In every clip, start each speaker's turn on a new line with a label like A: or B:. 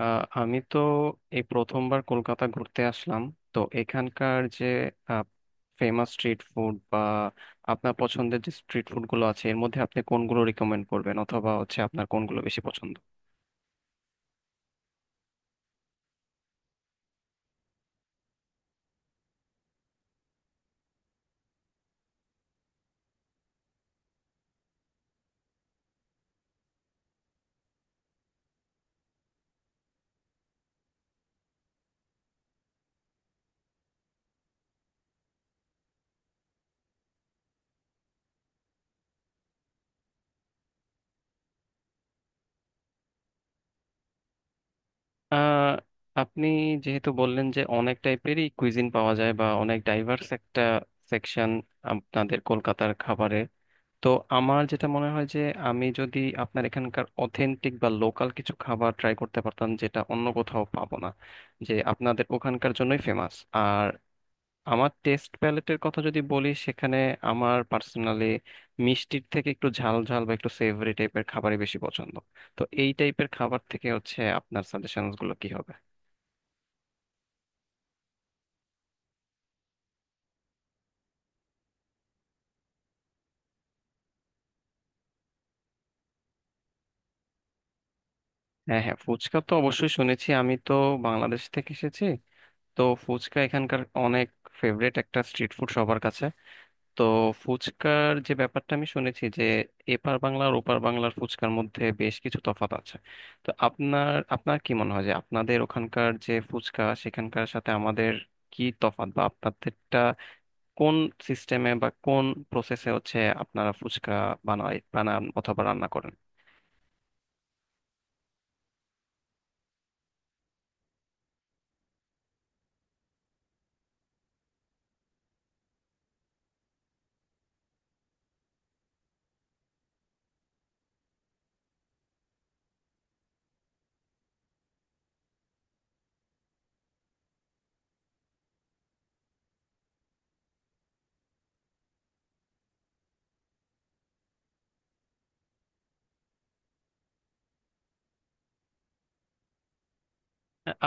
A: আমি তো এই প্রথমবার কলকাতা ঘুরতে আসলাম। তো এখানকার যে ফেমাস স্ট্রিট ফুড বা আপনার পছন্দের যে স্ট্রিট ফুড গুলো আছে এর মধ্যে আপনি কোনগুলো রিকমেন্ড করবেন অথবা হচ্ছে আপনার কোনগুলো বেশি পছন্দ? আহ, আপনি যেহেতু বললেন যে অনেক টাইপেরই কুইজিন পাওয়া যায় বা অনেক ডাইভার্স একটা সেকশন আপনাদের কলকাতার খাবারের, তো আমার যেটা মনে হয় যে আমি যদি আপনার এখানকার অথেন্টিক বা লোকাল কিছু খাবার ট্রাই করতে পারতাম যেটা অন্য কোথাও পাবো না, যে আপনাদের ওখানকার জন্যই ফেমাস। আর আমার টেস্ট প্যালেটের কথা যদি বলি সেখানে আমার পার্সোনালি মিষ্টির থেকে একটু ঝাল ঝাল বা একটু সেভরি টাইপের খাবারই বেশি পছন্দ। তো এই টাইপের খাবার থেকে হচ্ছে আপনার সাজেশনস গুলো কি হবে? হ্যাঁ হ্যাঁ, ফুচকা তো অবশ্যই শুনেছি, আমি তো বাংলাদেশ থেকে এসেছি। তো ফুচকা এখানকার অনেক ফেভারিট একটা স্ট্রিট ফুড সবার কাছে। তো ফুচকার যে ব্যাপারটা আমি শুনেছি যে এপার বাংলার ওপার বাংলার ফুচকার মধ্যে বেশ কিছু তফাৎ আছে। তো আপনার আপনার কি মনে হয় যে আপনাদের ওখানকার যে ফুচকা সেখানকার সাথে আমাদের কি তফাৎ, বা আপনাদেরটা কোন সিস্টেমে বা কোন প্রসেসে হচ্ছে আপনারা ফুচকা বানান অথবা রান্না করেন?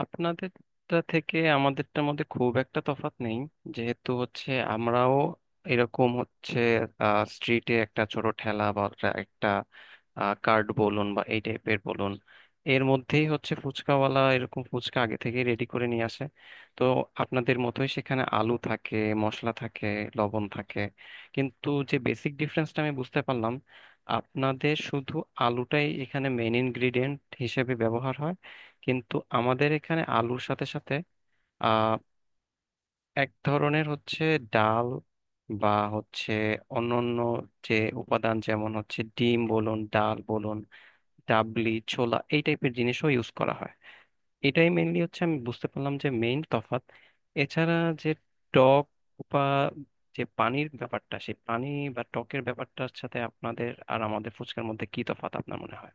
A: আপনাদেরটা থেকে আমাদেরটার মধ্যে খুব একটা তফাৎ নেই, যেহেতু হচ্ছে আমরাও এরকম হচ্ছে স্ট্রিটে একটা ছোট ঠেলা বা একটা কার্ড বলুন বা এই টাইপের বলুন, এর মধ্যেই হচ্ছে ফুচকাওয়ালা এরকম ফুচকা আগে থেকে রেডি করে নিয়ে আসে। তো আপনাদের মতোই সেখানে আলু থাকে, মশলা থাকে, লবণ থাকে, কিন্তু যে বেসিক ডিফারেন্সটা আমি বুঝতে পারলাম, আপনাদের শুধু আলুটাই এখানে মেন ইনগ্রিডিয়েন্ট হিসেবে ব্যবহার হয়, কিন্তু আমাদের এখানে আলুর সাথে সাথে আহ এক ধরনের হচ্ছে ডাল বা হচ্ছে অন্যান্য যে উপাদান যেমন হচ্ছে ডিম বলুন ডাল বলুন ডাবলি ছোলা এই টাইপের জিনিসও ইউজ করা হয়। এটাই মেইনলি হচ্ছে আমি বুঝতে পারলাম যে মেইন তফাৎ। এছাড়া যে টক বা যে পানির ব্যাপারটা, সেই পানি বা টকের ব্যাপারটার সাথে আপনাদের আর আমাদের ফুচকার মধ্যে কি তফাৎ আপনার মনে হয়?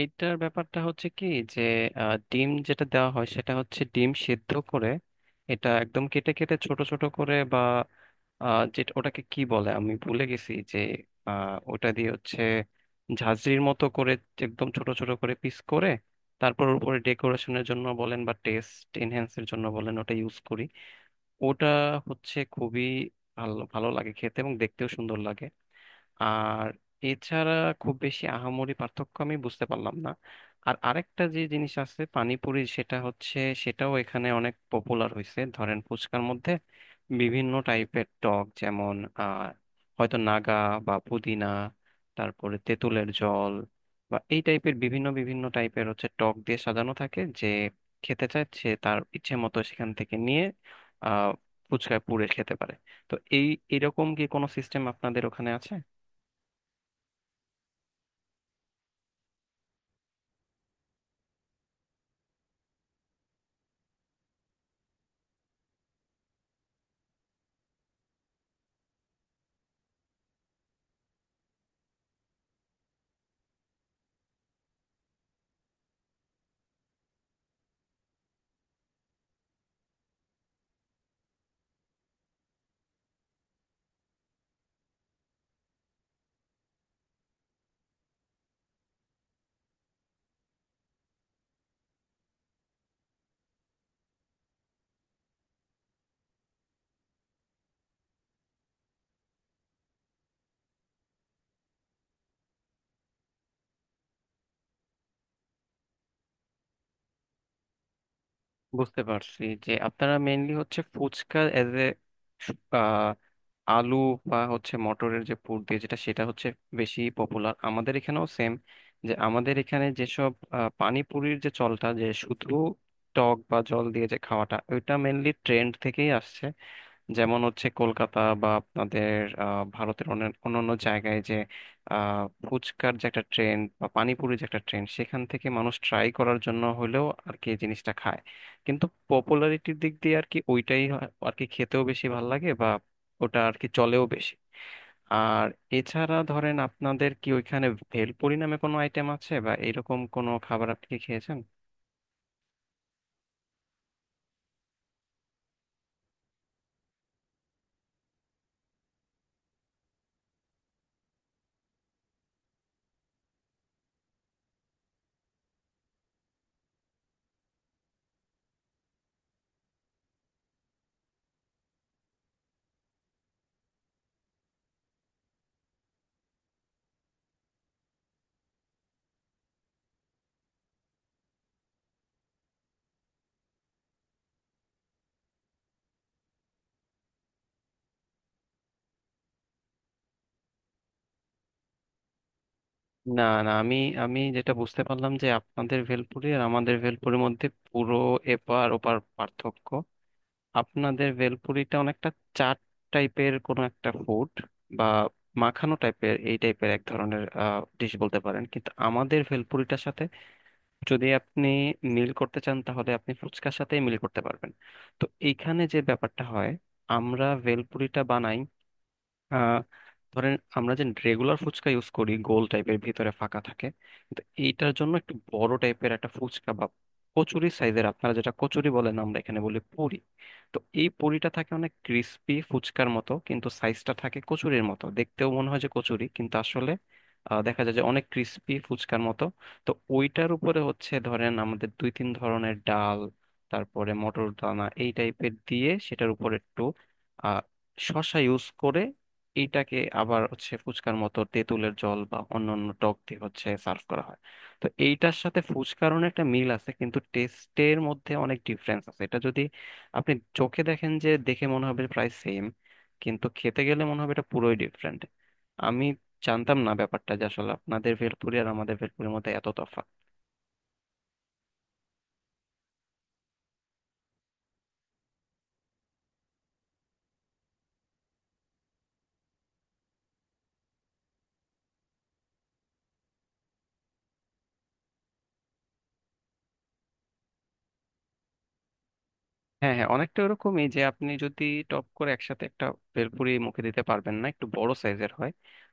A: এইটার ব্যাপারটা হচ্ছে কি, যে ডিম যেটা দেওয়া হয় সেটা হচ্ছে ডিম সেদ্ধ করে এটা একদম কেটে কেটে ছোট ছোট করে, বা যেটা ওটাকে কি বলে আমি ভুলে গেছি, যে ওটা দিয়ে হচ্ছে ঝাঁঝরির মতো করে একদম ছোট ছোট করে পিস করে তারপর ওর উপরে ডেকোরেশনের জন্য বলেন বা টেস্ট এনহ্যান্সের জন্য বলেন ওটা ইউজ করি। ওটা হচ্ছে খুবই ভালো, ভালো লাগে খেতে এবং দেখতেও সুন্দর লাগে। আর এছাড়া খুব বেশি আহামরি পার্থক্য আমি বুঝতে পারলাম না। আর আরেকটা যে জিনিস আছে পানিপুরি, সেটা হচ্ছে সেটাও এখানে অনেক পপুলার হয়েছে। ধরেন ফুচকার মধ্যে বিভিন্ন টাইপের টক, যেমন আহ হয়তো নাগা বা পুদিনা, তারপরে তেঁতুলের জল বা এই টাইপের বিভিন্ন বিভিন্ন টাইপের হচ্ছে টক দিয়ে সাজানো থাকে, যে খেতে চায় সে তার ইচ্ছে মতো সেখান থেকে নিয়ে আহ ফুচকায় পুরে খেতে পারে। তো এই এরকম কি কোনো সিস্টেম আপনাদের ওখানে আছে? বুঝতে পারছি যে আপনারা মেইনলি হচ্ছে ফুচকা এজ এ আলু বা হচ্ছে মটরের যে পুর দিয়ে যেটা সেটা হচ্ছে বেশি পপুলার, আমাদের এখানেও সেম। যে আমাদের এখানে যেসব পানিপুরির যে চলটা যে শুধু টক বা জল দিয়ে যে খাওয়াটা ওইটা মেইনলি ট্রেন্ড থেকেই আসছে। যেমন হচ্ছে কলকাতা বা আপনাদের ভারতের অন্যান্য জায়গায় যে ফুচকার যে একটা ট্রেন্ড বা পানিপুরির যে একটা ট্রেন্ড, সেখান থেকে মানুষ ট্রাই করার জন্য হলেও আর কি এই জিনিসটা খায়। কিন্তু পপুলারিটির দিক দিয়ে আর কি ওইটাই আর কি খেতেও বেশি ভাল লাগে বা ওটা আর কি চলেও বেশি। আর এছাড়া ধরেন আপনাদের কি ওইখানে ভেলপুরি নামে কোনো আইটেম আছে বা এরকম কোনো খাবার আপনি কি খেয়েছেন? না না, আমি আমি যেটা বুঝতে পারলাম যে আপনাদের ভেলপুরি আর আমাদের ভেলপুরির মধ্যে পুরো এপার ওপার পার্থক্য। আপনাদের ভেলপুরিটা অনেকটা চাট টাইপের কোনো একটা ফুড, বা মাখানো টাইপের এই টাইপের এক ধরনের ডিশ বলতে পারেন, কিন্তু আমাদের ভেলপুরিটার সাথে যদি আপনি মিল করতে চান তাহলে আপনি ফুচকার সাথেই মিল করতে পারবেন। তো এইখানে যে ব্যাপারটা হয়, আমরা ভেলপুরিটা বানাই, ধরেন আমরা যে রেগুলার ফুচকা ইউজ করি গোল টাইপের ভিতরে ফাঁকা থাকে, কিন্তু এইটার জন্য একটু বড় টাইপের একটা ফুচকা বা কচুরি সাইজের, আপনারা যেটা কচুরি বলেন আমরা এখানে বলি পুরি। তো এই পুরিটা থাকে অনেক ক্রিস্পি ফুচকার মতো কিন্তু সাইজটা থাকে কচুরির মতো, দেখতেও মনে হয় যে কচুরি কিন্তু আসলে দেখা যায় যে অনেক ক্রিস্পি ফুচকার মতো। তো ওইটার উপরে হচ্ছে ধরেন আমাদের দুই তিন ধরনের ডাল, তারপরে মটর দানা এই টাইপের দিয়ে সেটার উপর একটু আহ, শসা ইউজ করে, এইটাকে আবার হচ্ছে ফুচকার মতো তেঁতুলের জল বা অন্যান্য টক দিয়ে হচ্ছে সার্ভ করা হয়। তো এইটার সাথে ফুচকার অনেক একটা মিল আছে কিন্তু টেস্টের মধ্যে অনেক ডিফারেন্স আছে। এটা যদি আপনি চোখে দেখেন যে দেখে মনে হবে প্রায় সেম, কিন্তু খেতে গেলে মনে হবে এটা পুরোই ডিফারেন্ট। আমি জানতাম না ব্যাপারটা যে আসলে আপনাদের ভেলপুরি আর আমাদের ভেলপুরির মধ্যে এত তফাৎ। হ্যাঁ হ্যাঁ, অনেকটা ওরকমই, যে আপনি যদি টপ করে একসাথে একটা ভেলপুরি মুখে দিতে পারবেন না, একটু বড় সাইজের হয়।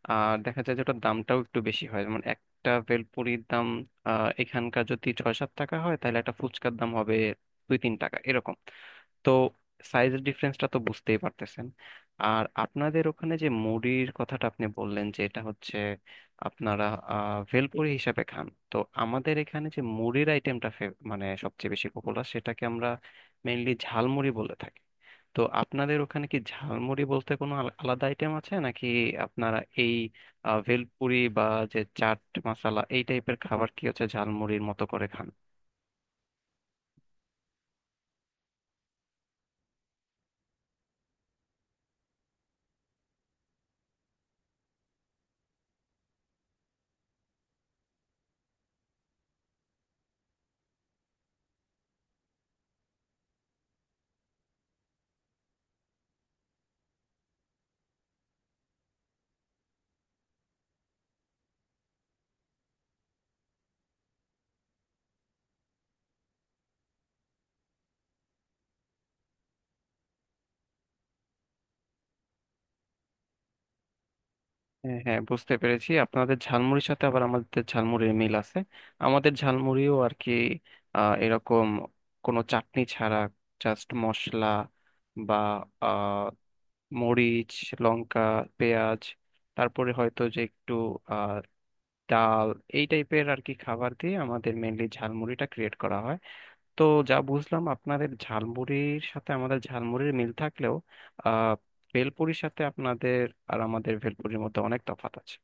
A: আর দেখা যায় যে ওটার দামটাও একটু বেশি হয়, যেমন একটা ভেলপুরির দাম এখানকার যদি 6-7 টাকা হয় তাহলে একটা ফুচকার দাম হবে 2-3 টাকা এরকম। তো সাইজের ডিফারেন্সটা তো বুঝতেই পারতেছেন। আর আপনাদের ওখানে যে মুড়ির কথাটা আপনি বললেন যে এটা হচ্ছে আপনারা ভেলপুরি হিসাবে খান, তো আমাদের এখানে যে মুড়ির আইটেমটা মানে সবচেয়ে বেশি পপুলার সেটাকে আমরা মেইনলি ঝালমুড়ি বলে থাকি। তো আপনাদের ওখানে কি ঝালমুড়ি বলতে কোনো আলাদা আইটেম আছে নাকি আপনারা এই ভেলপুরি বা যে চাট মশলা এই টাইপের খাবার কি হচ্ছে ঝালমুড়ির মতো করে খান? হ্যাঁ হ্যাঁ, বুঝতে পেরেছি আপনাদের ঝালমুড়ির সাথে আবার আমাদের ঝালমুড়ির মিল আছে। আমাদের ঝালমুড়িও আর কি এরকম কোনো চাটনি ছাড়া জাস্ট মশলা বা আহ, মরিচ, লঙ্কা, পেঁয়াজ, তারপরে হয়তো যে একটু আহ, ডাল, এই টাইপের আর কি খাবার দিয়ে আমাদের মেনলি ঝালমুড়িটা ক্রিয়েট করা হয়। তো যা বুঝলাম আপনাদের ঝালমুড়ির সাথে আমাদের ঝালমুড়ির মিল থাকলেও আহ, ভেলপুরির সাথে আপনাদের আর আমাদের ভেলপুরির মধ্যে অনেক তফাৎ আছে।